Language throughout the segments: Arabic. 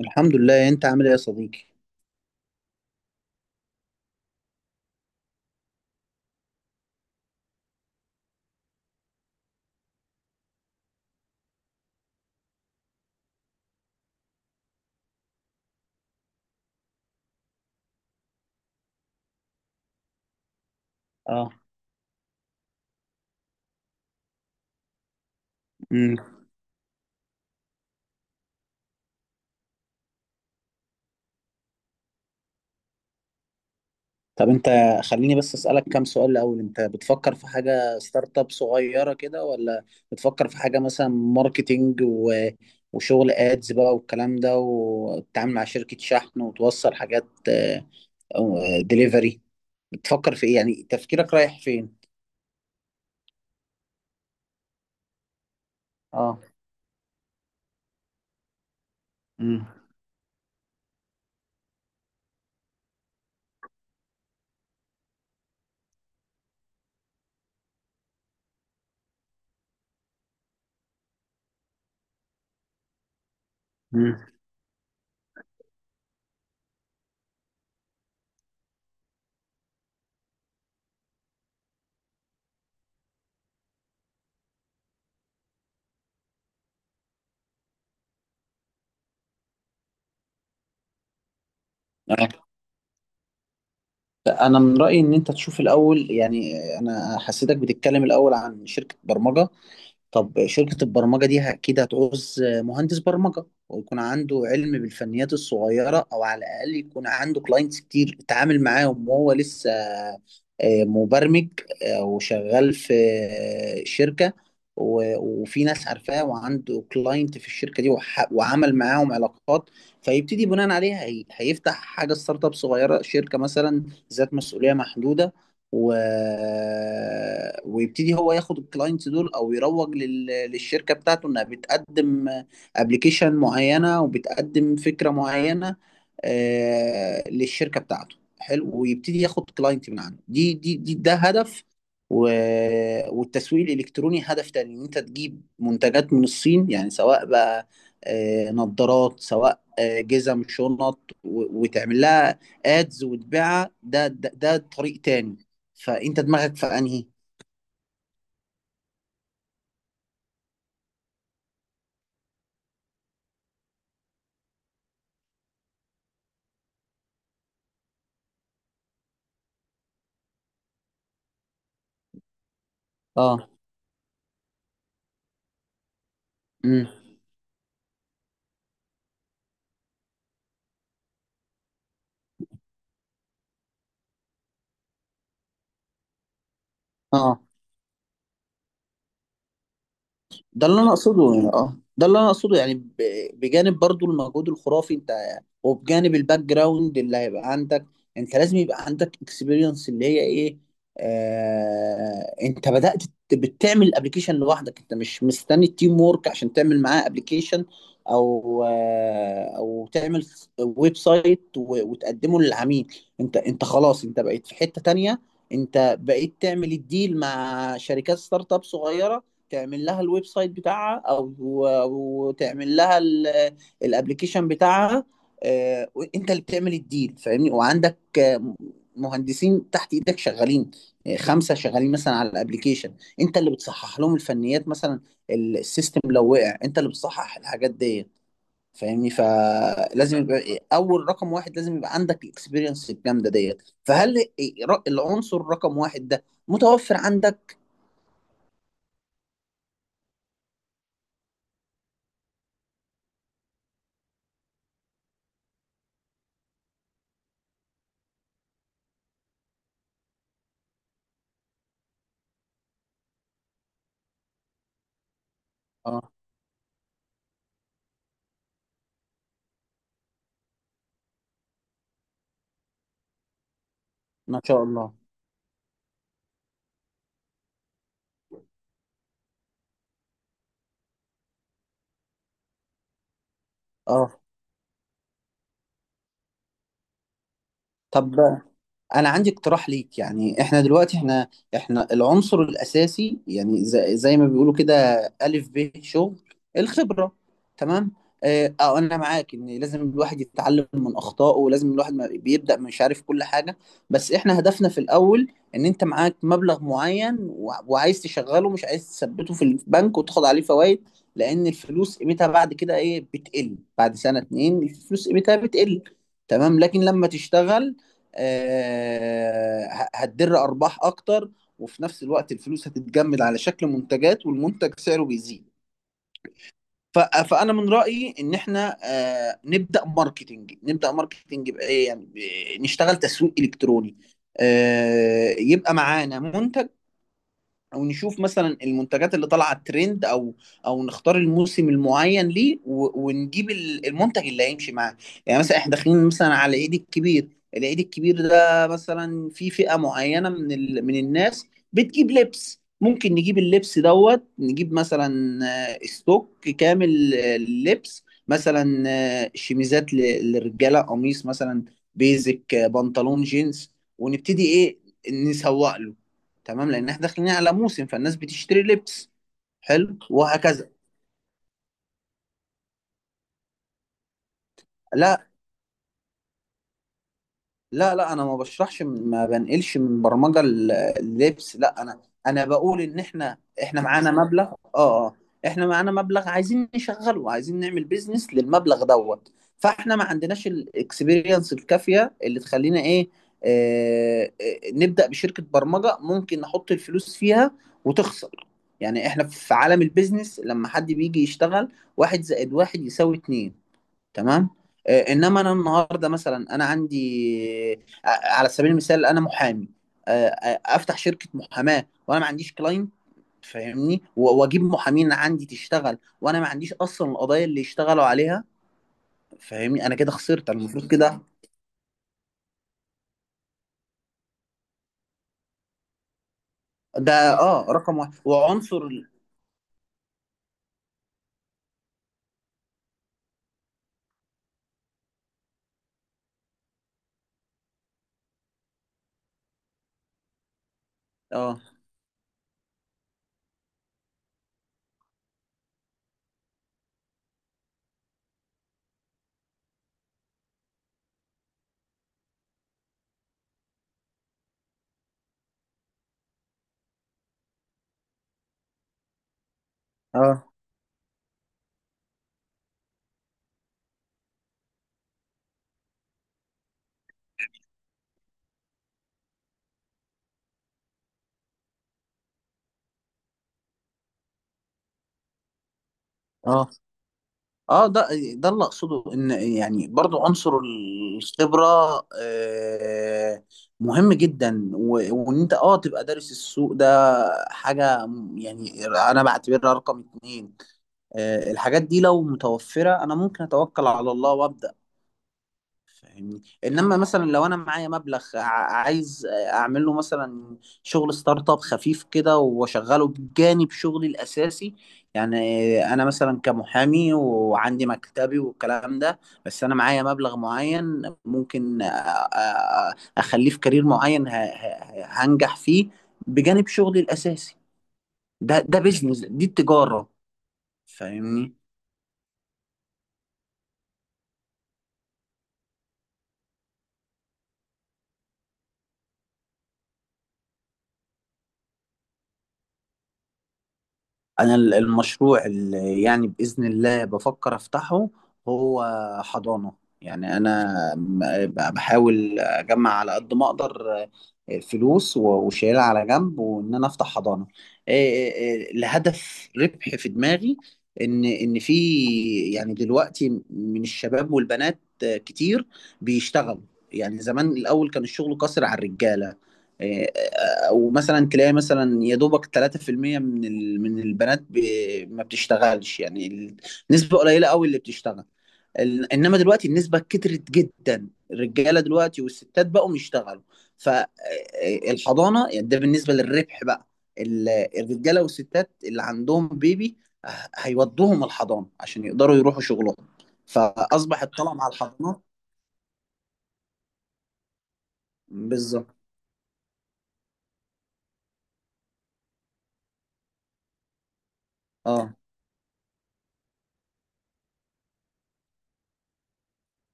الحمد لله، انت عامل ايه يا صديقي؟ اه امم طب انت، خليني بس اسالك كام سؤال الاول. انت بتفكر في حاجه ستارت اب صغيره كده، ولا بتفكر في حاجه مثلا ماركتينج وشغل ادز بقى والكلام ده، وتتعامل مع شركه شحن وتوصل حاجات دليفري؟ بتفكر في ايه؟ يعني تفكيرك رايح فين؟ اه امم امم اه انا من رايي ان انت تشوف الاول. يعني انا حسيتك بتتكلم الاول عن شركه برمجه. طب شركة البرمجة دي أكيد هتعوز مهندس برمجة ويكون عنده علم بالفنيات الصغيرة، أو على الأقل يكون عنده كلاينتس كتير اتعامل معاهم وهو لسه مبرمج وشغال في شركة، وفي ناس عارفاه وعنده كلاينت في الشركة دي، وعمل معاهم علاقات، فيبتدي بناء عليها هيفتح حاجة ستارت اب صغيرة، شركة مثلا ذات مسؤولية محدودة، و... ويبتدي هو ياخد الكلاينتس دول، او يروج للشركه بتاعته انها بتقدم ابلكيشن معينه وبتقدم فكره معينه للشركه بتاعته. حلو، ويبتدي ياخد كلاينت من عنده. دي ده هدف، و... والتسويق الالكتروني هدف تاني، ان انت تجيب منتجات من الصين، يعني سواء بقى نظارات، سواء جزم، شنط، وتعمل لها ادز وتبيعها. ده طريق تاني. فانت دماغك في انهي؟ اه امم اه ده اللي انا اقصده. يعني ده اللي انا اقصده، يعني بجانب برضو المجهود الخرافي انت، وبجانب الباك جراوند اللي هيبقى عندك، انت لازم يبقى عندك اكسبيرينس. اللي هي ايه؟ آه، انت بدأت بتعمل الابلكيشن لوحدك، انت مش مستني التيم وورك عشان تعمل معاه ابلكيشن، او او تعمل ويب سايت وتقدمه للعميل. انت خلاص، انت بقيت في حتة تانية. انت بقيت تعمل الديل مع شركات ستارت اب صغيرة، تعمل لها الويب سايت بتاعها، او تعمل لها الابليكيشن بتاعها. آه، وانت اللي بتعمل الديل، فاهمني؟ وعندك آه، مهندسين تحت ايدك شغالين، آه، خمسه شغالين مثلا على الابليكيشن. انت اللي بتصحح لهم الفنيات مثلا، السيستم لو وقع انت اللي بتصحح الحاجات دي. فاهمني؟ فلازم يبقى اول، رقم واحد، لازم يبقى عندك الاكسبيرينس الجامده ديت. فهل العنصر رقم واحد ده متوفر عندك؟ اه، ما شاء الله. اه، طب انا عندي اقتراح ليك. يعني احنا دلوقتي احنا، احنا العنصر الاساسي، يعني زي ما بيقولوا كده، الف ب شغل، الخبره. تمام؟ اه، آه، انا معاك ان لازم الواحد يتعلم من اخطائه، ولازم الواحد ما بيبدا مش عارف كل حاجه. بس احنا هدفنا في الاول ان انت معاك مبلغ معين، وعايز تشغله، مش عايز تثبته في البنك وتاخد عليه فوائد، لان الفلوس قيمتها بعد كده ايه؟ بتقل. بعد سنه اتنين الفلوس قيمتها بتقل. تمام؟ لكن لما تشتغل، آه، هتدر ارباح اكتر. وفي نفس الوقت الفلوس هتتجمد على شكل منتجات، والمنتج سعره بيزيد. فانا من رايي ان احنا آه، نبدا ماركتنج. نبدا ماركتنج بايه؟ يعني نشتغل تسويق الكتروني. آه، يبقى معانا منتج، او نشوف مثلا المنتجات اللي طالعه ترند، او او نختار الموسم المعين ليه، ونجيب المنتج اللي هيمشي معاه. يعني مثلا احنا داخلين مثلا على العيد الكبير. العيد الكبير ده مثلا في فئة معينة من من الناس بتجيب لبس. ممكن نجيب اللبس دوت، نجيب مثلا آه، ستوك كامل آه، للبس مثلا، آه، شميزات للرجالة، قميص مثلا، بيزك، آه، بنطلون جينز. ونبتدي ايه؟ نسوق له. تمام؟ لان احنا داخلين على موسم، فالناس بتشتري لبس. حلو، وهكذا. لا، لا انا ما بشرحش، ما بنقلش من برمجه اللبس. لا، انا انا بقول ان احنا، احنا معانا مبلغ. اه، اه، احنا معانا مبلغ عايزين نشغله، عايزين نعمل بيزنس للمبلغ دوت. فاحنا ما عندناش الاكسبيرينس الكافيه اللي تخلينا ايه، نبدا بشركه برمجه. ممكن نحط الفلوس فيها وتخسر. يعني احنا في عالم البيزنس، لما حد بيجي يشتغل، واحد زائد واحد يساوي اتنين. تمام؟ آه، انما انا النهارده مثلا انا عندي آه، على سبيل المثال، انا محامي، افتح شركه محاماه وانا ما عنديش كلاينت. فاهمني؟ واجيب محامين عندي تشتغل وانا ما عنديش اصلا القضايا اللي يشتغلوا عليها. فاهمني؟ انا كده خسرت. أنا المفروض كده ده اه رقم واحد. وعنصر اه اه اه اه ده ده اللي اقصده. ان يعني برضو عنصر الخبره آه، مهم جدا، وان انت اه تبقى دارس السوق ده. حاجه يعني انا بعتبرها رقم اتنين. آه، الحاجات دي لو متوفره انا ممكن اتوكل على الله وابدا. فاهمني؟ انما مثلا لو انا معايا مبلغ، عايز اعمل له مثلا شغل ستارت اب خفيف كده، واشغله بجانب شغلي الاساسي. يعني انا مثلا كمحامي وعندي مكتبي والكلام ده، بس انا معايا مبلغ معين، ممكن اخليه في كارير معين هنجح فيه بجانب شغلي الاساسي. ده بيزنس، دي التجارة. فاهمني؟ انا المشروع اللي يعني باذن الله بفكر افتحه هو حضانه. يعني انا بحاول اجمع على قد ما اقدر آه، فلوس وشايلها على جنب، وان انا افتح حضانه. آه، آه، آه، الهدف ربح في دماغي. ان ان في، يعني دلوقتي من الشباب والبنات آه، كتير بيشتغلوا. يعني زمان، الاول كان الشغل قاصر على الرجاله، آه، او مثلا تلاقي مثلا يا دوبك 3% من من البنات ما بتشتغلش. يعني نسبة قليلة قوي اللي بتشتغل. انما دلوقتي النسبة كترت جدا، الرجالة دلوقتي والستات بقوا يشتغلوا. فالحضانة يعني، ده بالنسبة للربح بقى، ال- الرجالة والستات اللي عندهم بيبي هيودوهم الحضانة عشان يقدروا يروحوا شغلهم. فأصبح الطلب على الحضانات. بالظبط. اه،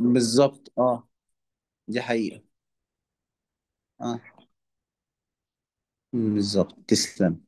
بالظبط. اه، دي حقيقة. اه، بالظبط. تسلم.